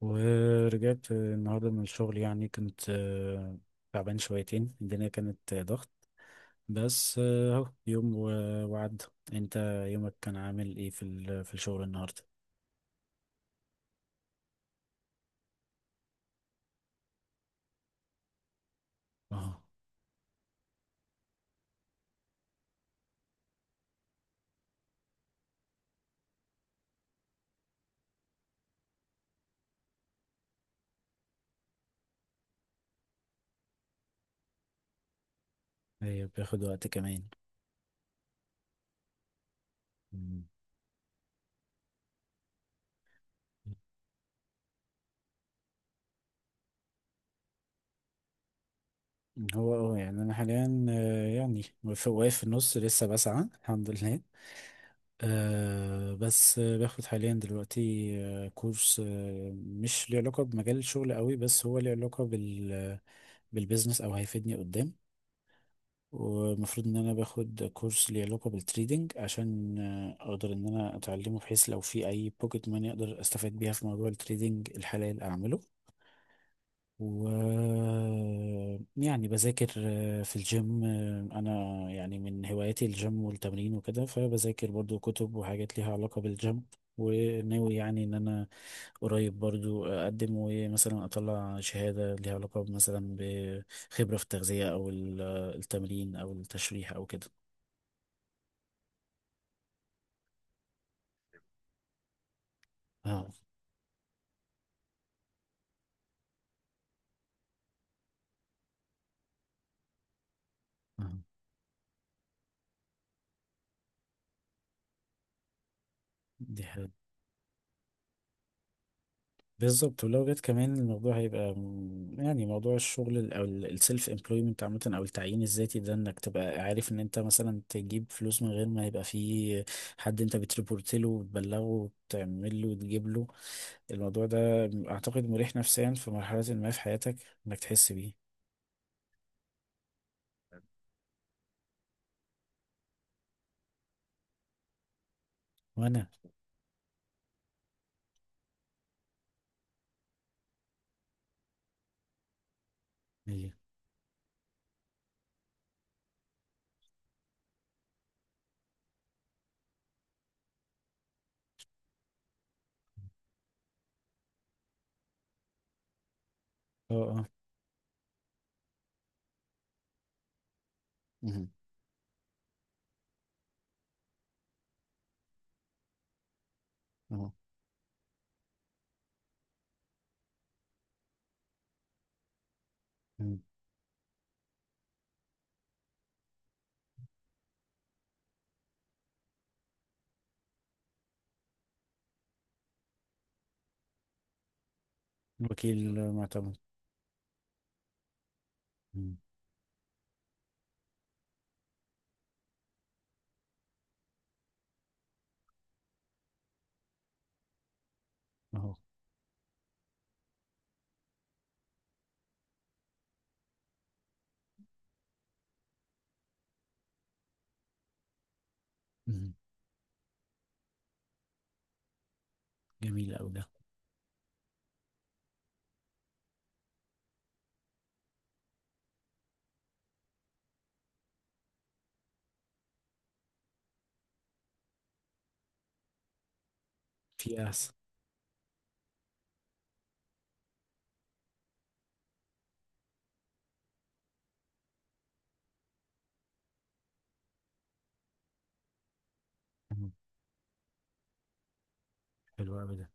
ورجعت النهاردة من الشغل يعني كنت تعبان شويتين. الدنيا كانت ضغط. بس اهو يوم وعدى. انت يومك كان عامل ايه في الشغل النهاردة؟ اه. هي بياخد وقت كمان. مم. هو يعني انا حاليا يعني واقف في النص لسه بسعى الحمد لله. بس باخد حاليا دلوقتي كورس مش ليه علاقة بمجال الشغل قوي، بس هو ليه علاقة بالبيزنس او هيفيدني قدام. ومفروض ان انا باخد كورس ليه علاقة بالتريدينج عشان اقدر ان انا اتعلمه، بحيث لو في اي بوكيت ماني اقدر استفاد بيها في موضوع التريدينج الحلال اعمله. و يعني بذاكر في الجيم. انا يعني من هواياتي الجيم والتمرين وكده، فبذاكر برضو كتب وحاجات ليها علاقة بالجيم. وناوي يعني ان انا قريب برضو اقدم ومثلا اطلع شهادة ليها علاقة مثلا بخبرة في التغذية او التمرين او التشريح او كده. اه. آه، دي حاجة. بالظبط، ولو جت كمان الموضوع هيبقى يعني موضوع الشغل او السيلف امبلويمنت عامه، او التعيين الذاتي ده، انك تبقى عارف ان انت مثلا تجيب فلوس من غير ما يبقى في حد انت بتريبورت له وتبلغه وتعمل له وتجيب له. الموضوع ده اعتقد مريح نفسيا في مرحله ما في حياتك، انك تحس بيه. وانا ايه. اه، اه. مهم. اهو. مهم. وكيل معتمد. مهم. اهو. مهم. جميل اوي ده. في احسن. مهم. حلو اوي ده.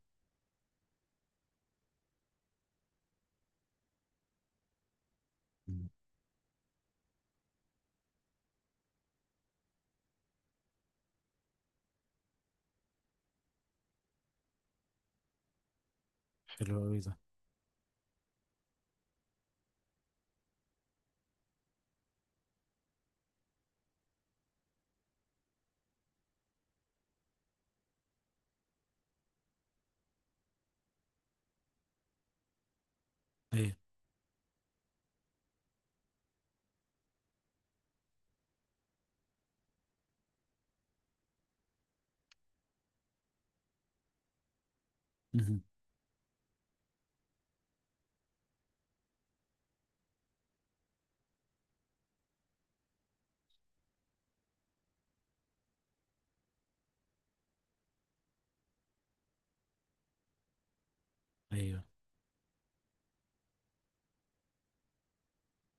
مهم. حلو اوي ده. ايه. ايوه.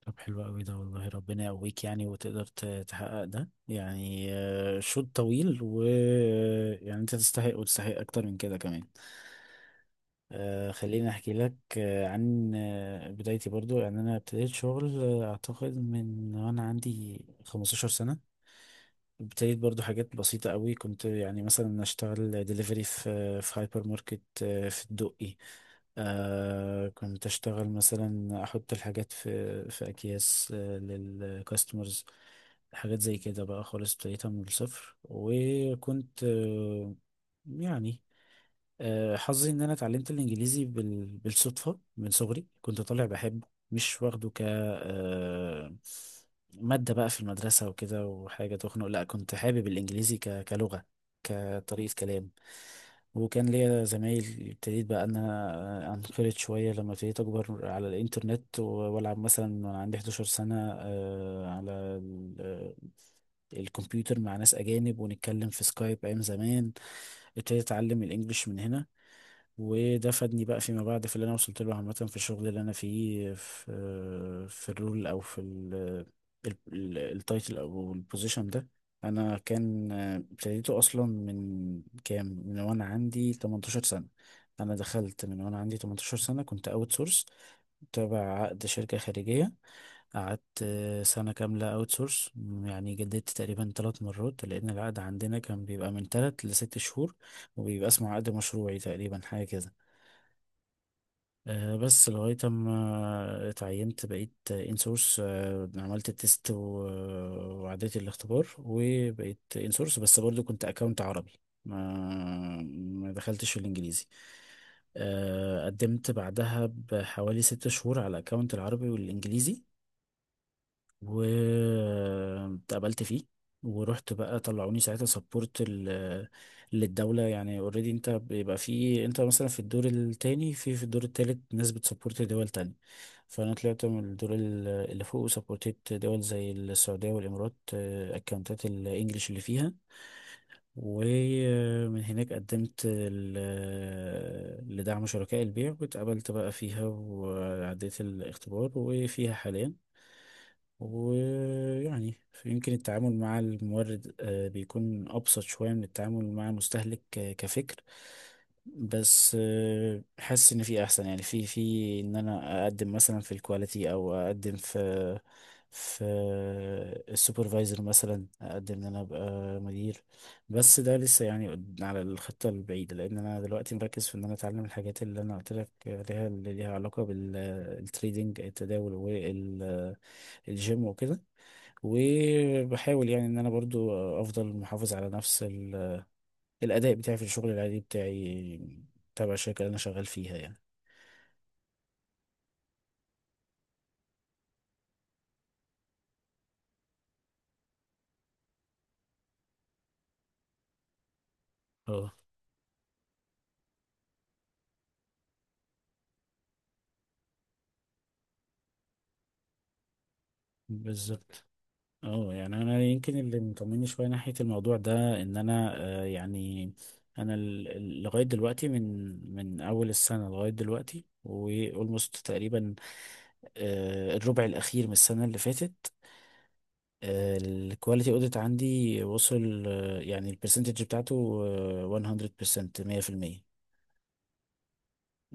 طب حلو قوي ده والله، ربنا يقويك يعني، وتقدر تحقق ده يعني. شوط طويل، يعني انت تستحق، وتستحق اكتر من كده كمان. خليني احكي لك عن بدايتي برضو. يعني انا ابتديت شغل اعتقد من وانا عندي 15 سنة. ابتديت برضو حاجات بسيطة قوي. كنت يعني مثلا اشتغل ديليفري في هايبر ماركت في الدقي. آه، كنت اشتغل مثلا احط الحاجات في اكياس للكاستمرز، حاجات زي كده. بقى خالص ابتديتها من الصفر، وكنت يعني حظي ان انا اتعلمت الانجليزي بالصدفه من صغري. كنت طالع بحبه، مش واخده ك آه، ماده بقى في المدرسه وكده، وحاجه تخنق لا، كنت حابب الانجليزي كلغه، كطريقه كلام. وكان ليا زمايل. ابتديت بقى ان انا انخرط شويه لما ابتديت اكبر على الانترنت، والعب مثلا وانا عندي 11 سنه على الكمبيوتر مع ناس اجانب، ونتكلم في سكايب ايام زمان. ابتديت اتعلم الانجليش من هنا. وده فادني بقى فيما بعد في اللي انا وصلت له عامه، في الشغل اللي انا فيه، في الرول او في ال- التايتل او البوزيشن ده. انا كان ابتديته اصلا من وانا عندي 18 سنه. انا دخلت من وانا عندي 18 سنه، كنت اوت سورس، تابع عقد شركه خارجيه. قعدت سنه كامله اوت سورس. يعني جددت تقريبا ثلاث مرات، لان العقد عندنا كان بيبقى من ثلاث لست شهور، وبيبقى اسمه عقد مشروعي تقريبا، حاجه كده. بس لغاية ما اتعينت بقيت انسورس. عملت التيست وعديت الاختبار، وبقيت انسورس، بس برضو كنت اكونت عربي. ما ما دخلتش في الانجليزي. قدمت بعدها بحوالي ست شهور على الاكونت العربي والانجليزي، واتقبلت فيه. ورحت بقى طلعوني ساعتها سبورت للدولة، يعني اوريدي. انت بيبقى في، انت مثلا في الدور التاني، في الدور التالت، ناس بتسبورت دول تانية. فانا طلعت من الدور اللي فوق، وسبورتيت دول زي السعودية والامارات، اكونتات الانجليش اللي فيها. ومن هناك قدمت لدعم شركاء البيع، واتقبلت بقى فيها وعديت الاختبار، وفيها حاليا. ويعني يمكن التعامل مع المورد بيكون أبسط شوية من التعامل مع المستهلك كفكر. بس حاسس إن في أحسن، يعني في إن أنا أقدم مثلا في الكواليتي، أو أقدم في السوبرفايزر، مثلا أقدم إن أنا أبقى مدير. بس ده لسه يعني على الخطة البعيدة، لأن أنا دلوقتي مركز في إن أنا أتعلم الحاجات اللي أنا قلت لك عليها، اللي ليها علاقة بالتريدينج، التداول، الجيم وكده. وبحاول يعني ان انا برضو افضل محافظ على نفس الاداء بتاعي في الشغل العادي بتاعي، تبع الشركة اللي انا شغال فيها يعني. اه، بالظبط. اه يعني انا يمكن اللي مطمني شوية ناحية الموضوع ده ان انا يعني انا لغاية دلوقتي، من اول السنة لغاية دلوقتي واولموست تقريبا الربع الاخير من السنة اللي فاتت، الكواليتي اوديت عندي وصل يعني البرسنتج بتاعته 100%. 100%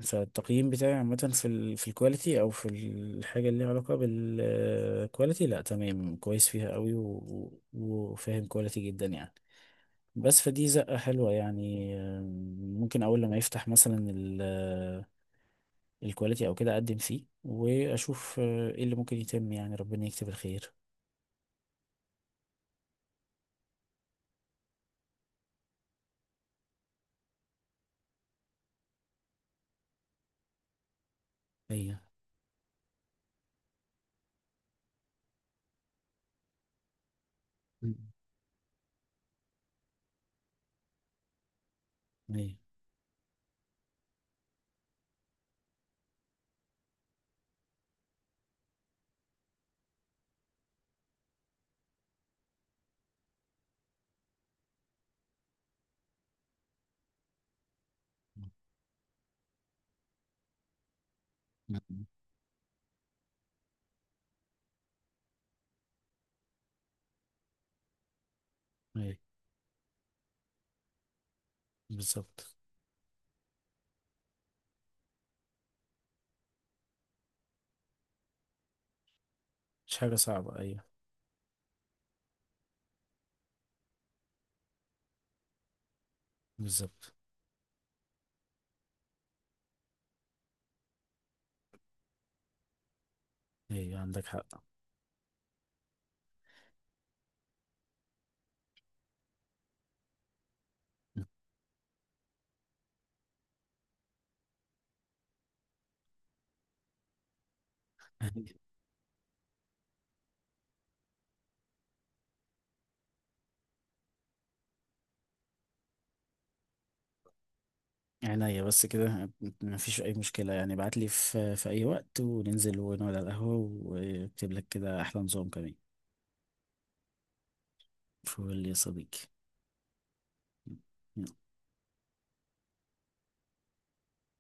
فالتقييم بتاعي عامة في الكواليتي، او في الحاجة اللي ليها علاقة بالكواليتي، لا تمام، كويس فيها قوي وفاهم كواليتي جدا يعني. بس فدي زقة حلوة يعني. ممكن اول لما يفتح مثلا الكواليتي او كده اقدم فيه واشوف ايه اللي ممكن يتم، يعني ربنا يكتب الخير. ايوه، ايوه. مم. ايوه. بالظبط. مش حاجة صعبة، أيوة. بالظبط. أيوة، عندك حق. عينيا بس كده. مفيش أي مشكلة يعني، ابعتلي في أي وقت وننزل ونقعد على القهوة، وأكتب لك كده أحلى نظام كمان. فول يا صديقي.